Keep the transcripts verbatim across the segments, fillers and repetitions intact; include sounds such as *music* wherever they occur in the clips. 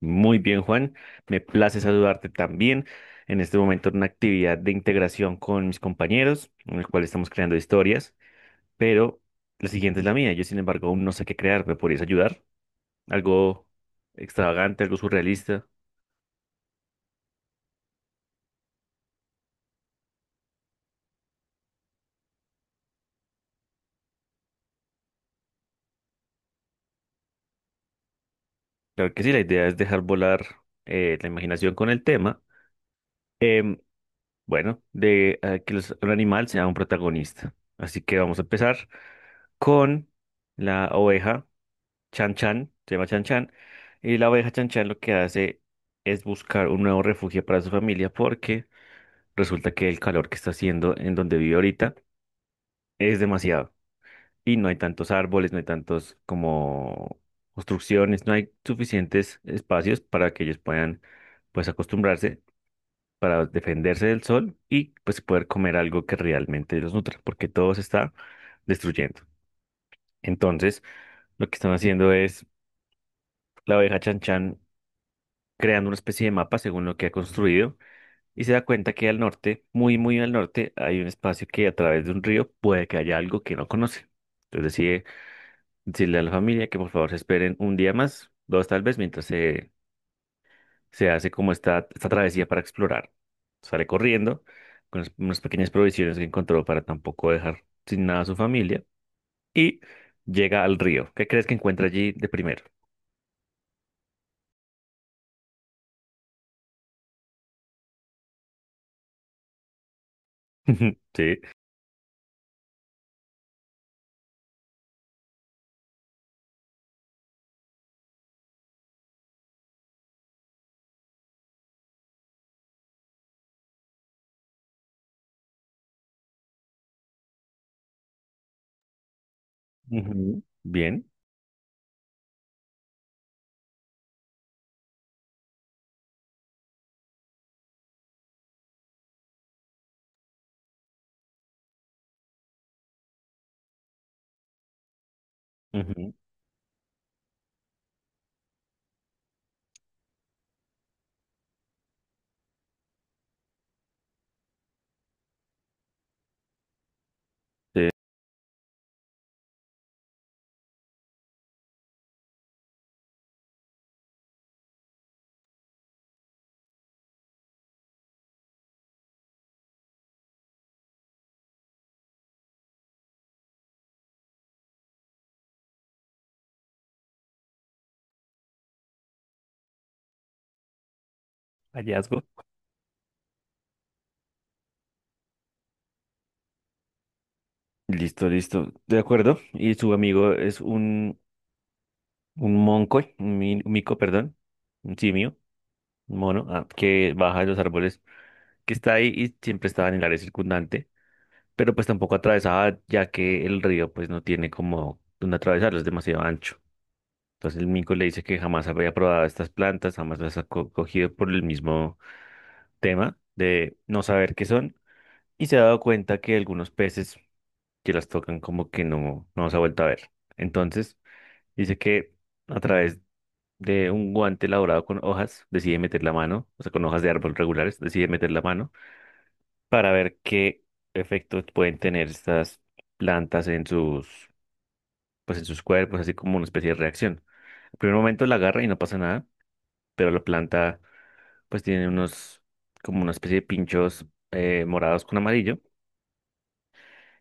Muy bien, Juan. Me place saludarte también en este momento en una actividad de integración con mis compañeros, en el cual estamos creando historias, pero la siguiente es la mía. Yo, sin embargo, aún no sé qué crear. ¿Me podrías ayudar? Algo extravagante, algo surrealista. Claro que sí, la idea es dejar volar eh, la imaginación con el tema. Em, bueno, de eh, que los- un animal sea un protagonista. Así que vamos a empezar con la oveja Chan Chan, se llama Chan Chan, y la oveja Chan Chan lo que hace es buscar un nuevo refugio para su familia porque resulta que el calor que está haciendo en donde vive ahorita es demasiado y no hay tantos árboles, no hay tantos como construcciones, no hay suficientes espacios para que ellos puedan pues acostumbrarse para defenderse del sol y pues poder comer algo que realmente los nutra porque todo se está destruyendo. Entonces, lo que están haciendo es la oveja Chan Chan creando una especie de mapa según lo que ha construido y se da cuenta que al norte, muy, muy al norte, hay un espacio que a través de un río puede que haya algo que no conoce. Entonces decide decirle a la familia que por favor se esperen un día más, dos tal vez, mientras se, se hace como esta, esta travesía para explorar. Sale corriendo con unas unas pequeñas provisiones que encontró para tampoco dejar sin nada a su familia y llega al río. ¿Qué crees que encuentra allí de primero? *laughs* Sí. Ujú. Bien. Ujú. Sí. Hallazgo. Listo, listo. De acuerdo. Y su amigo es un, un monco, un mi- un mico, perdón, un simio, un mono, ah, que baja de los árboles, que está ahí y siempre estaba en el área circundante, pero pues tampoco atravesaba, ya que el río pues no tiene como donde atravesarlo, es demasiado ancho. Entonces el mico le dice que jamás había probado estas plantas, jamás las ha co- cogido por el mismo tema de no saber qué son, y se ha dado cuenta que algunos peces que las tocan como que no, no se ha vuelto a ver. Entonces dice que a través de un guante elaborado con hojas, decide meter la mano, o sea, con hojas de árbol regulares, decide meter la mano para ver qué efectos pueden tener estas plantas en sus, pues en sus cuerpos, así como una especie de reacción. En primer momento la agarra y no pasa nada, pero la planta pues tiene unos, como una especie de pinchos eh, morados con amarillo,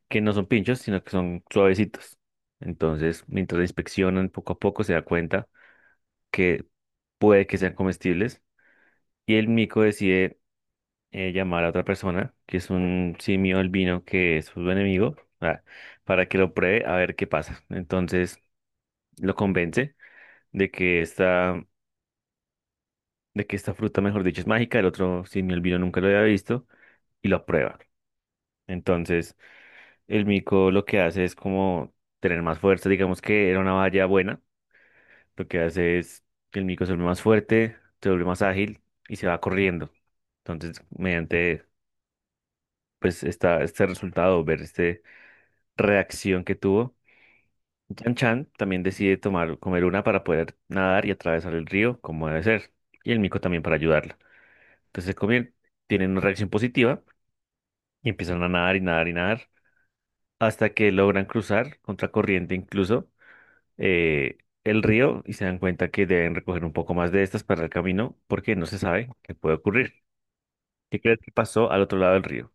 que no son pinchos, sino que son suavecitos. Entonces, mientras la inspeccionan poco a poco, se da cuenta que puede que sean comestibles. Y el mico decide eh, llamar a otra persona, que es un simio albino que es su enemigo, ah, para que lo pruebe a ver qué pasa. Entonces lo convence de que esta, de que esta fruta, mejor dicho, es mágica. El otro simio albino nunca lo había visto y lo prueba. Entonces el mico lo que hace es como tener más fuerza. Digamos que era una valla buena. Lo que hace es que el mico se vuelve más fuerte, se vuelve más ágil y se va corriendo. Entonces, mediante pues está este resultado, ver esta reacción que tuvo. Yan Chan también decide tomar, comer una para poder nadar y atravesar el río como debe ser, y el mico también para ayudarla. Entonces se comien, tienen una reacción positiva y empiezan a nadar y nadar y nadar hasta que logran cruzar contracorriente incluso eh, el río y se dan cuenta que deben recoger un poco más de estas para el camino porque no se sabe qué puede ocurrir. ¿Qué crees que pasó al otro lado del río?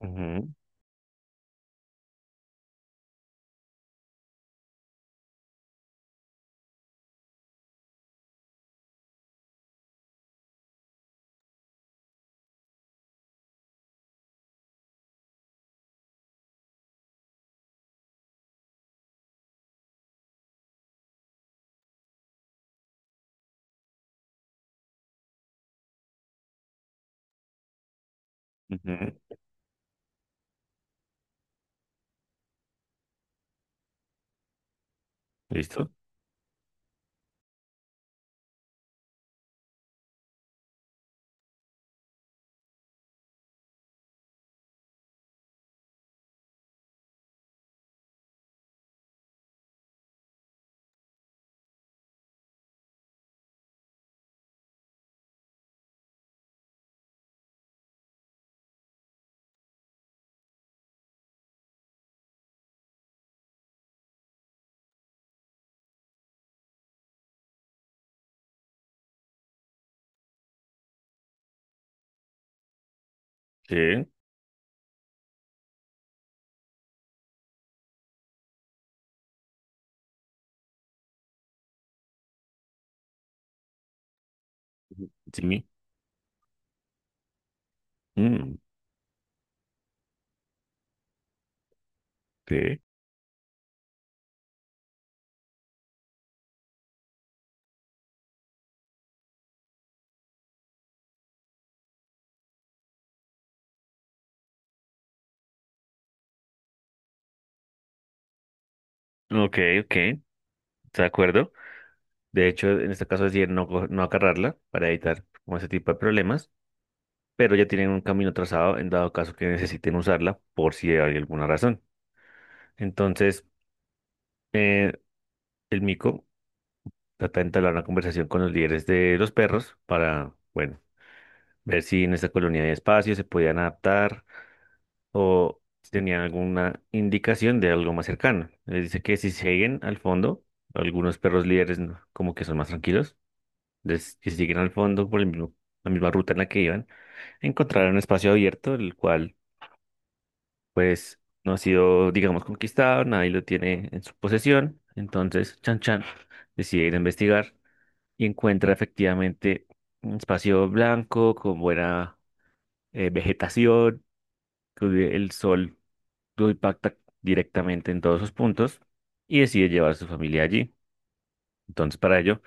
Ujú, ujú. ¿Listo? Sí. Jimmy. Sí. Ok, ok, de acuerdo. De hecho, en este caso es no, co- no agarrarla para evitar como ese tipo de problemas, pero ya tienen un camino trazado en dado caso que necesiten usarla por si hay alguna razón. Entonces, eh, el mico trata de entablar una conversación con los líderes de los perros para, bueno, ver si en esta colonia hay espacio, se podían adaptar o si tenían alguna indicación de algo más cercano. Les dice que si siguen al fondo, algunos perros líderes ¿no?, como que son más tranquilos. Entonces, que si al fondo por el mismo- la misma ruta en la que iban, encontrarán un espacio abierto, el cual, pues, no ha sido, digamos, conquistado, nadie lo tiene en su posesión. Entonces, Chan Chan decide ir a investigar y encuentra efectivamente un espacio blanco con buena eh, vegetación, que el sol lo impacta directamente en todos sus puntos y decide llevar a su familia allí. Entonces, para ello,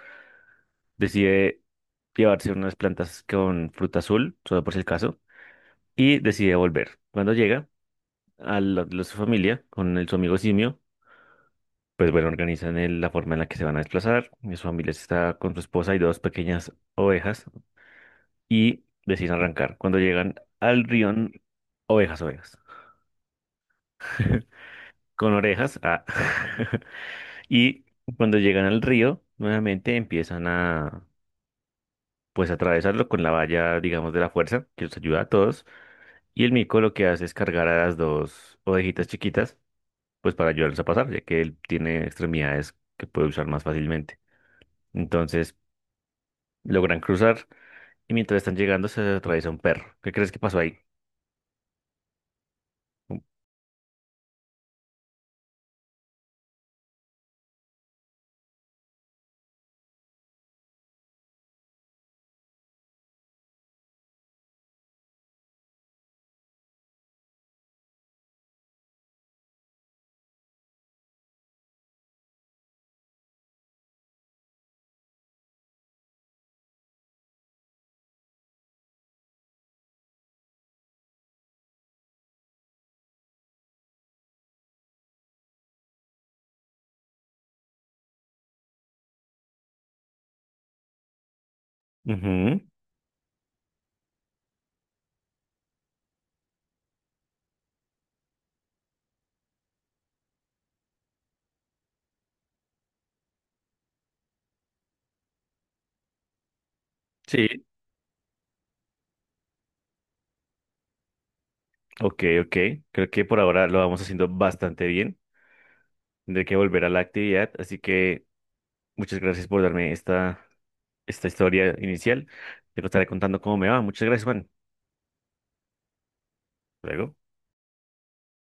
decide llevarse unas plantas con fruta azul, solo por si el caso y decide volver. Cuando llega a la, la- su familia con el- su amigo simio, pues bueno, organizan el- la forma en la que se van a desplazar. Y su familia está con su esposa y dos pequeñas ovejas y deciden arrancar. Cuando llegan al rión, ovejas, ovejas, *laughs* con orejas. Ah. *laughs* Y cuando llegan al río, nuevamente empiezan a... pues atravesarlo con la valla, digamos, de la fuerza, que los ayuda a todos. Y el mico lo que hace es cargar a las dos ovejitas chiquitas pues para ayudarlos a pasar, ya que él tiene extremidades que puede usar más fácilmente. Entonces, logran cruzar y mientras están llegando se atraviesa un perro. ¿Qué crees que pasó ahí? Ujú. Sí, ok, ok. Creo que por ahora lo vamos haciendo bastante bien. Tendré que volver a la actividad, así que muchas gracias por darme esta, esta historia inicial. Te lo estaré contando cómo me va. Muchas gracias, Juan. Hasta luego.